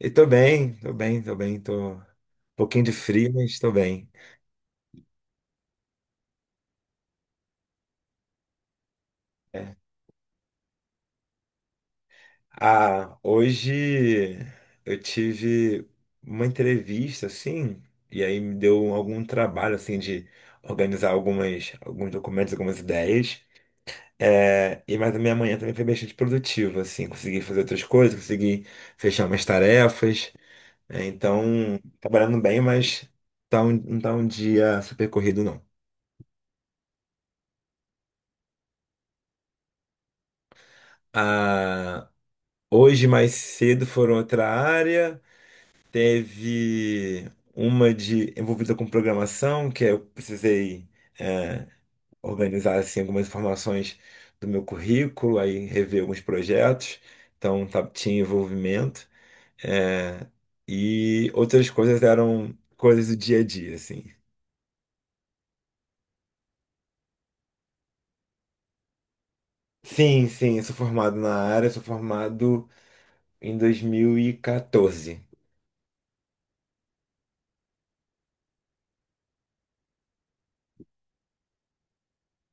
E tô bem, tô bem, tô bem, tô um pouquinho de frio, mas tô bem. É. Ah, hoje eu tive uma entrevista, assim, e aí me deu algum trabalho, assim, de organizar alguns documentos, algumas ideias. Mas a minha manhã também foi bastante produtiva, assim, consegui fazer outras coisas, consegui fechar umas tarefas. Então, trabalhando bem, mas não tá um dia super corrido, não. Ah, hoje, mais cedo, foram outra área. Teve uma de envolvida com programação, que é, eu precisei é, organizar assim, algumas informações do meu currículo, aí rever alguns projetos. Então, tinha envolvimento. É, e outras coisas eram coisas do dia a dia, assim. Sim, sim, eu sou formado na área, sou formado em 2014.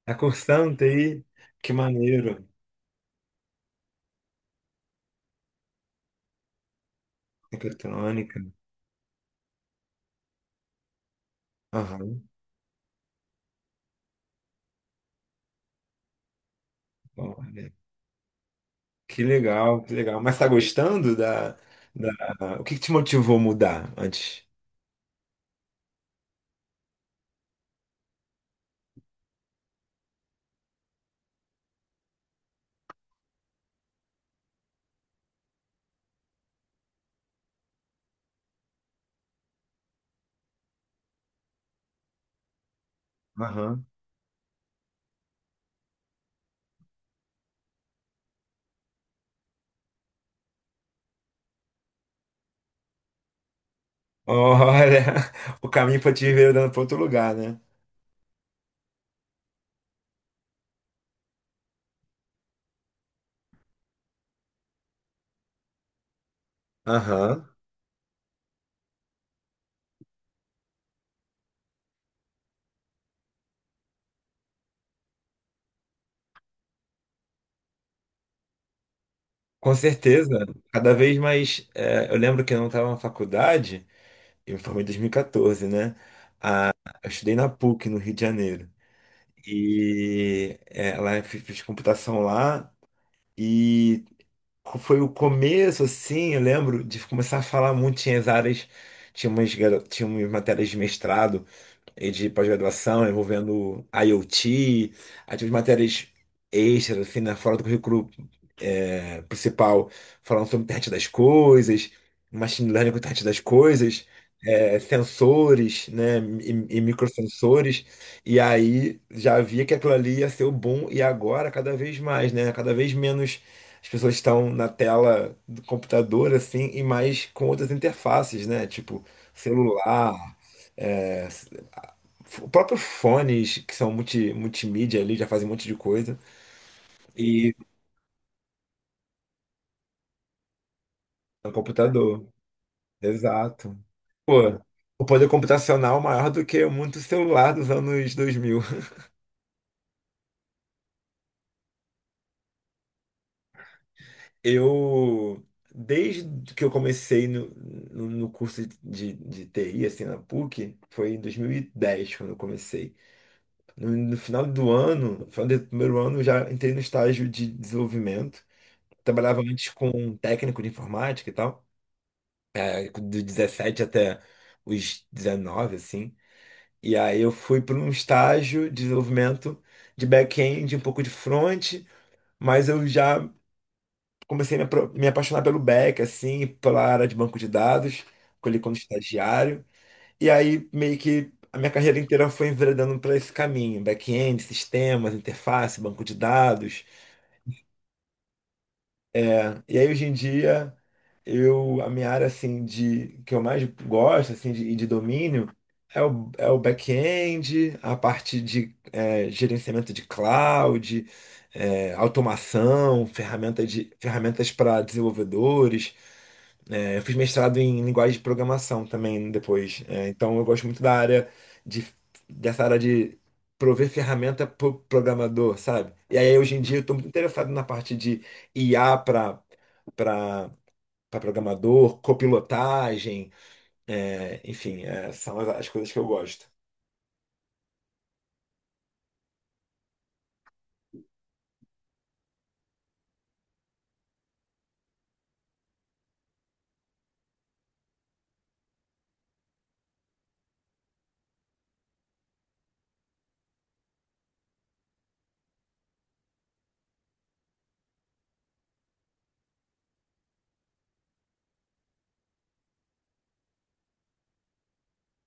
Tá cursando TI? Que maneiro. Mecatrônica. Olha, que legal, que legal. Mas tá gostando da... O que que te motivou a mudar antes? Aham. Olha, o caminho para te ver dando para outro lugar, né? Aham. Com certeza. Cada vez mais. Eu lembro que eu não estava na faculdade, eu me formei em 2014, né? Eu estudei na PUC, no Rio de Janeiro. E lá eu fiz computação lá. E foi o começo, assim, eu lembro de começar a falar muito, tinha as áreas, tinha tinha umas matérias de mestrado e de pós-graduação envolvendo IoT, aí tive matérias extras, assim, né, fora do currículo principal, falando sobre internet das coisas, machine learning com internet das coisas, sensores, né, e microsensores, e aí já via que aquilo ali ia ser o boom, e agora cada vez mais, né, cada vez menos as pessoas estão na tela do computador, assim, e mais com outras interfaces, né, tipo celular, é, próprios fones que são multimídia ali, já fazem um monte de coisa. E no computador. Exato. Pô, o poder computacional maior do que muito celular dos anos 2000. Eu, desde que eu comecei no curso de TI, assim, na PUC, foi em 2010 quando eu comecei. No final do ano, no final do primeiro ano, eu já entrei no estágio de desenvolvimento. Trabalhava antes com um técnico de informática e tal. Dos 17 até os 19, assim. E aí eu fui para um estágio de desenvolvimento de back-end, um pouco de front, mas eu já comecei a me apaixonar pelo back, assim, pela área de banco de dados, colhi como estagiário. E aí meio que a minha carreira inteira foi enveredando para esse caminho, back-end, sistemas, interface, banco de dados. E aí hoje em dia eu a minha área assim de que eu mais gosto assim de, e de domínio é o back-end, a parte de gerenciamento de cloud, automação, ferramentas para desenvolvedores, eu fiz mestrado em linguagem de programação também depois. Então eu gosto muito da área de, dessa área de prover ferramenta para o programador, sabe? E aí hoje em dia eu estou muito interessado na parte de IA para para programador, copilotagem, enfim, são as coisas que eu gosto.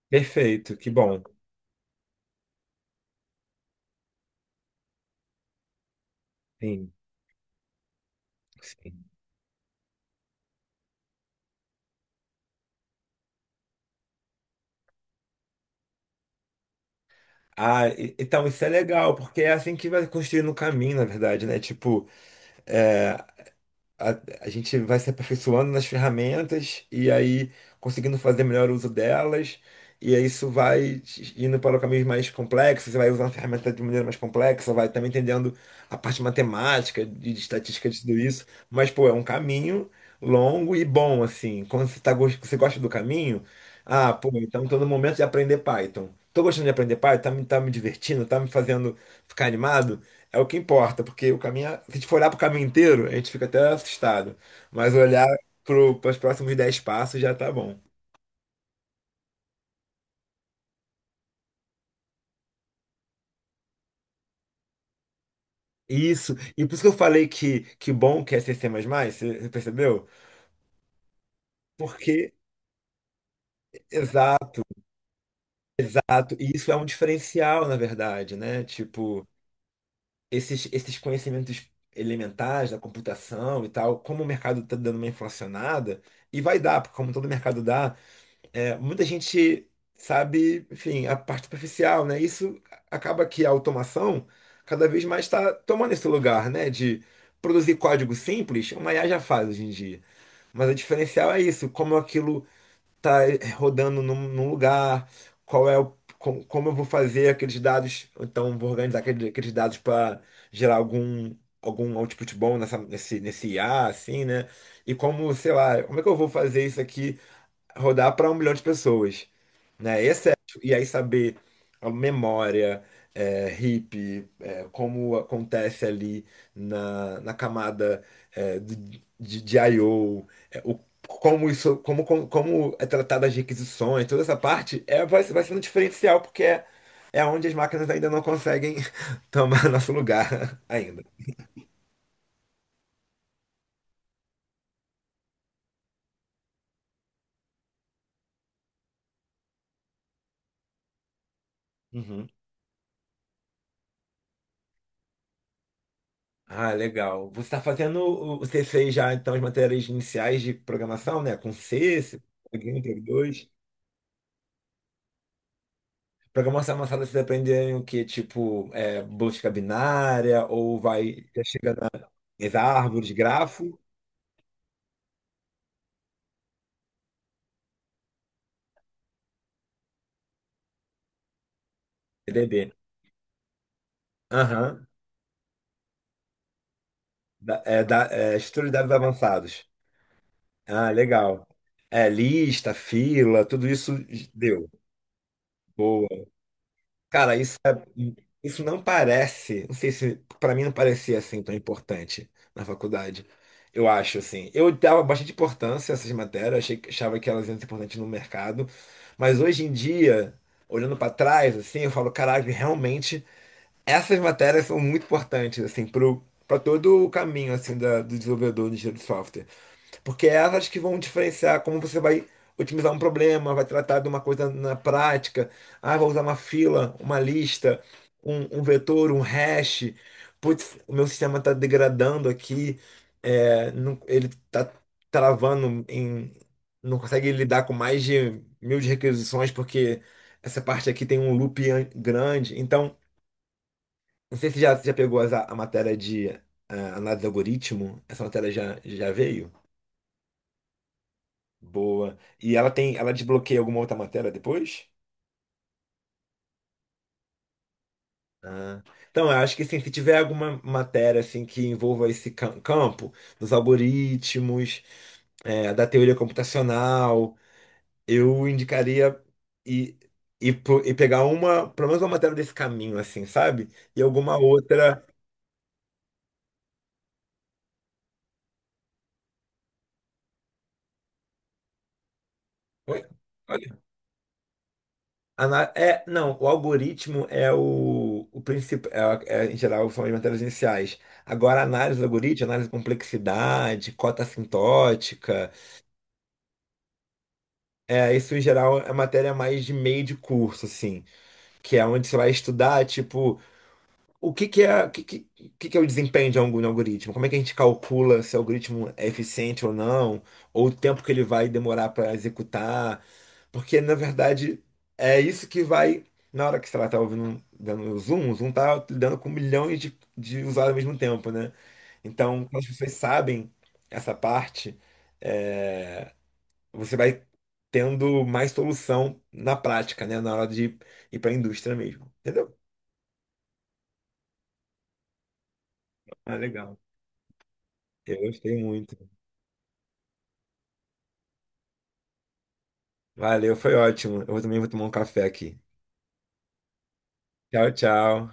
Perfeito, que bom. Sim, sim. Ah, então isso é legal, porque é assim que vai construindo o caminho, na verdade, né? Tipo, é, a, a gente vai se aperfeiçoando nas ferramentas e aí conseguindo fazer melhor uso delas. E aí isso vai indo para caminhos mais complexos, você vai usando a ferramenta de maneira mais complexa, vai também entendendo a parte matemática, de estatística, de tudo isso. Mas, pô, é um caminho longo e bom, assim. Quando você, tá, você gosta do caminho, ah, pô, então tô no momento de aprender Python. Tô gostando de aprender Python, tá me divertindo, tá me fazendo ficar animado. É o que importa, porque o caminho, se a gente for olhar pro caminho inteiro, a gente fica até assustado. Mas olhar para os próximos 10 passos já tá bom. Isso, e por isso que eu falei que bom que é C++, C++, você percebeu? Porque, exato, exato, e isso é um diferencial, na verdade, né? Tipo, esses conhecimentos elementares da computação e tal, como o mercado tá dando uma inflacionada, e vai dar, porque como todo mercado dá, muita gente sabe, enfim, a parte superficial, né? Isso acaba que a automação cada vez mais está tomando esse lugar, né? De produzir código simples, uma IA já faz hoje em dia. Mas o diferencial é isso, como aquilo está rodando num lugar, qual é o, com- como eu vou fazer aqueles dados, ou então vou organizar aqueles, dados para gerar algum output bom nesse IA, assim, né? E como, sei lá, como é que eu vou fazer isso aqui? Rodar para 1 milhão de pessoas, né? E aí saber a memória, como acontece ali na camada é, de, de I/O, como isso, como é tratada as requisições, toda essa parte vai sendo diferencial, porque é onde as máquinas ainda não conseguem tomar nosso lugar ainda. Uhum. Ah, legal. Você está fazendo o C6 já, então, as matérias iniciais de programação, né? Com C, C++, Prog1, Programação avançada, vocês aprendem o quê? Tipo, busca binária, ou vai, já chega nas árvores, grafo, PDB. Aham. Estrutura de dados avançados. Ah, legal. Lista, fila, tudo isso deu. Boa. Cara, isso, isso não parece, não sei se pra mim não parecia assim tão importante na faculdade. Eu acho assim, eu dava bastante importância a essas matérias, achava que elas eram importantes no mercado, mas hoje em dia, olhando pra trás assim, eu falo, caralho, realmente essas matérias são muito importantes assim pro para todo o caminho assim do desenvolvedor de engenheiro de software. Porque é elas que vão diferenciar como você vai otimizar um problema, vai tratar de uma coisa na prática. Ah, vou usar uma fila, uma lista, um vetor, um hash. Putz, o meu sistema está degradando aqui, ele está travando em. Não consegue lidar com mais de mil de requisições, porque essa parte aqui tem um loop grande. Então, não sei se já pegou matéria de análise de algoritmo, essa matéria já veio? Boa. E ela desbloqueia alguma outra matéria depois? Ah. Então, eu acho que sim, se tiver alguma matéria assim que envolva esse campo dos algoritmos, da teoria computacional, eu indicaria e e pegar uma, pelo menos uma matéria desse caminho assim, sabe? E alguma outra. Oi? É, não, o algoritmo é o principal, em geral, são as matérias iniciais. Agora, a análise do algoritmo, análise de complexidade, cota assintótica, isso em geral é matéria mais de meio de curso, assim, que é onde você vai estudar, tipo, o o que que é o desempenho de algum algoritmo? Como é que a gente calcula se o algoritmo é eficiente ou não? Ou o tempo que ele vai demorar para executar? Porque, na verdade, é isso que vai. Na hora que, sei lá, tá ouvindo, dando o Zoom tá lidando com milhões de usuários ao mesmo tempo, né? Então, quando as pessoas sabem essa parte, é, você vai tendo mais solução na prática, né? Na hora de ir para a indústria mesmo. Entendeu? Ah, legal. Eu gostei muito. Valeu, foi ótimo. Eu também vou tomar um café aqui. Tchau, tchau.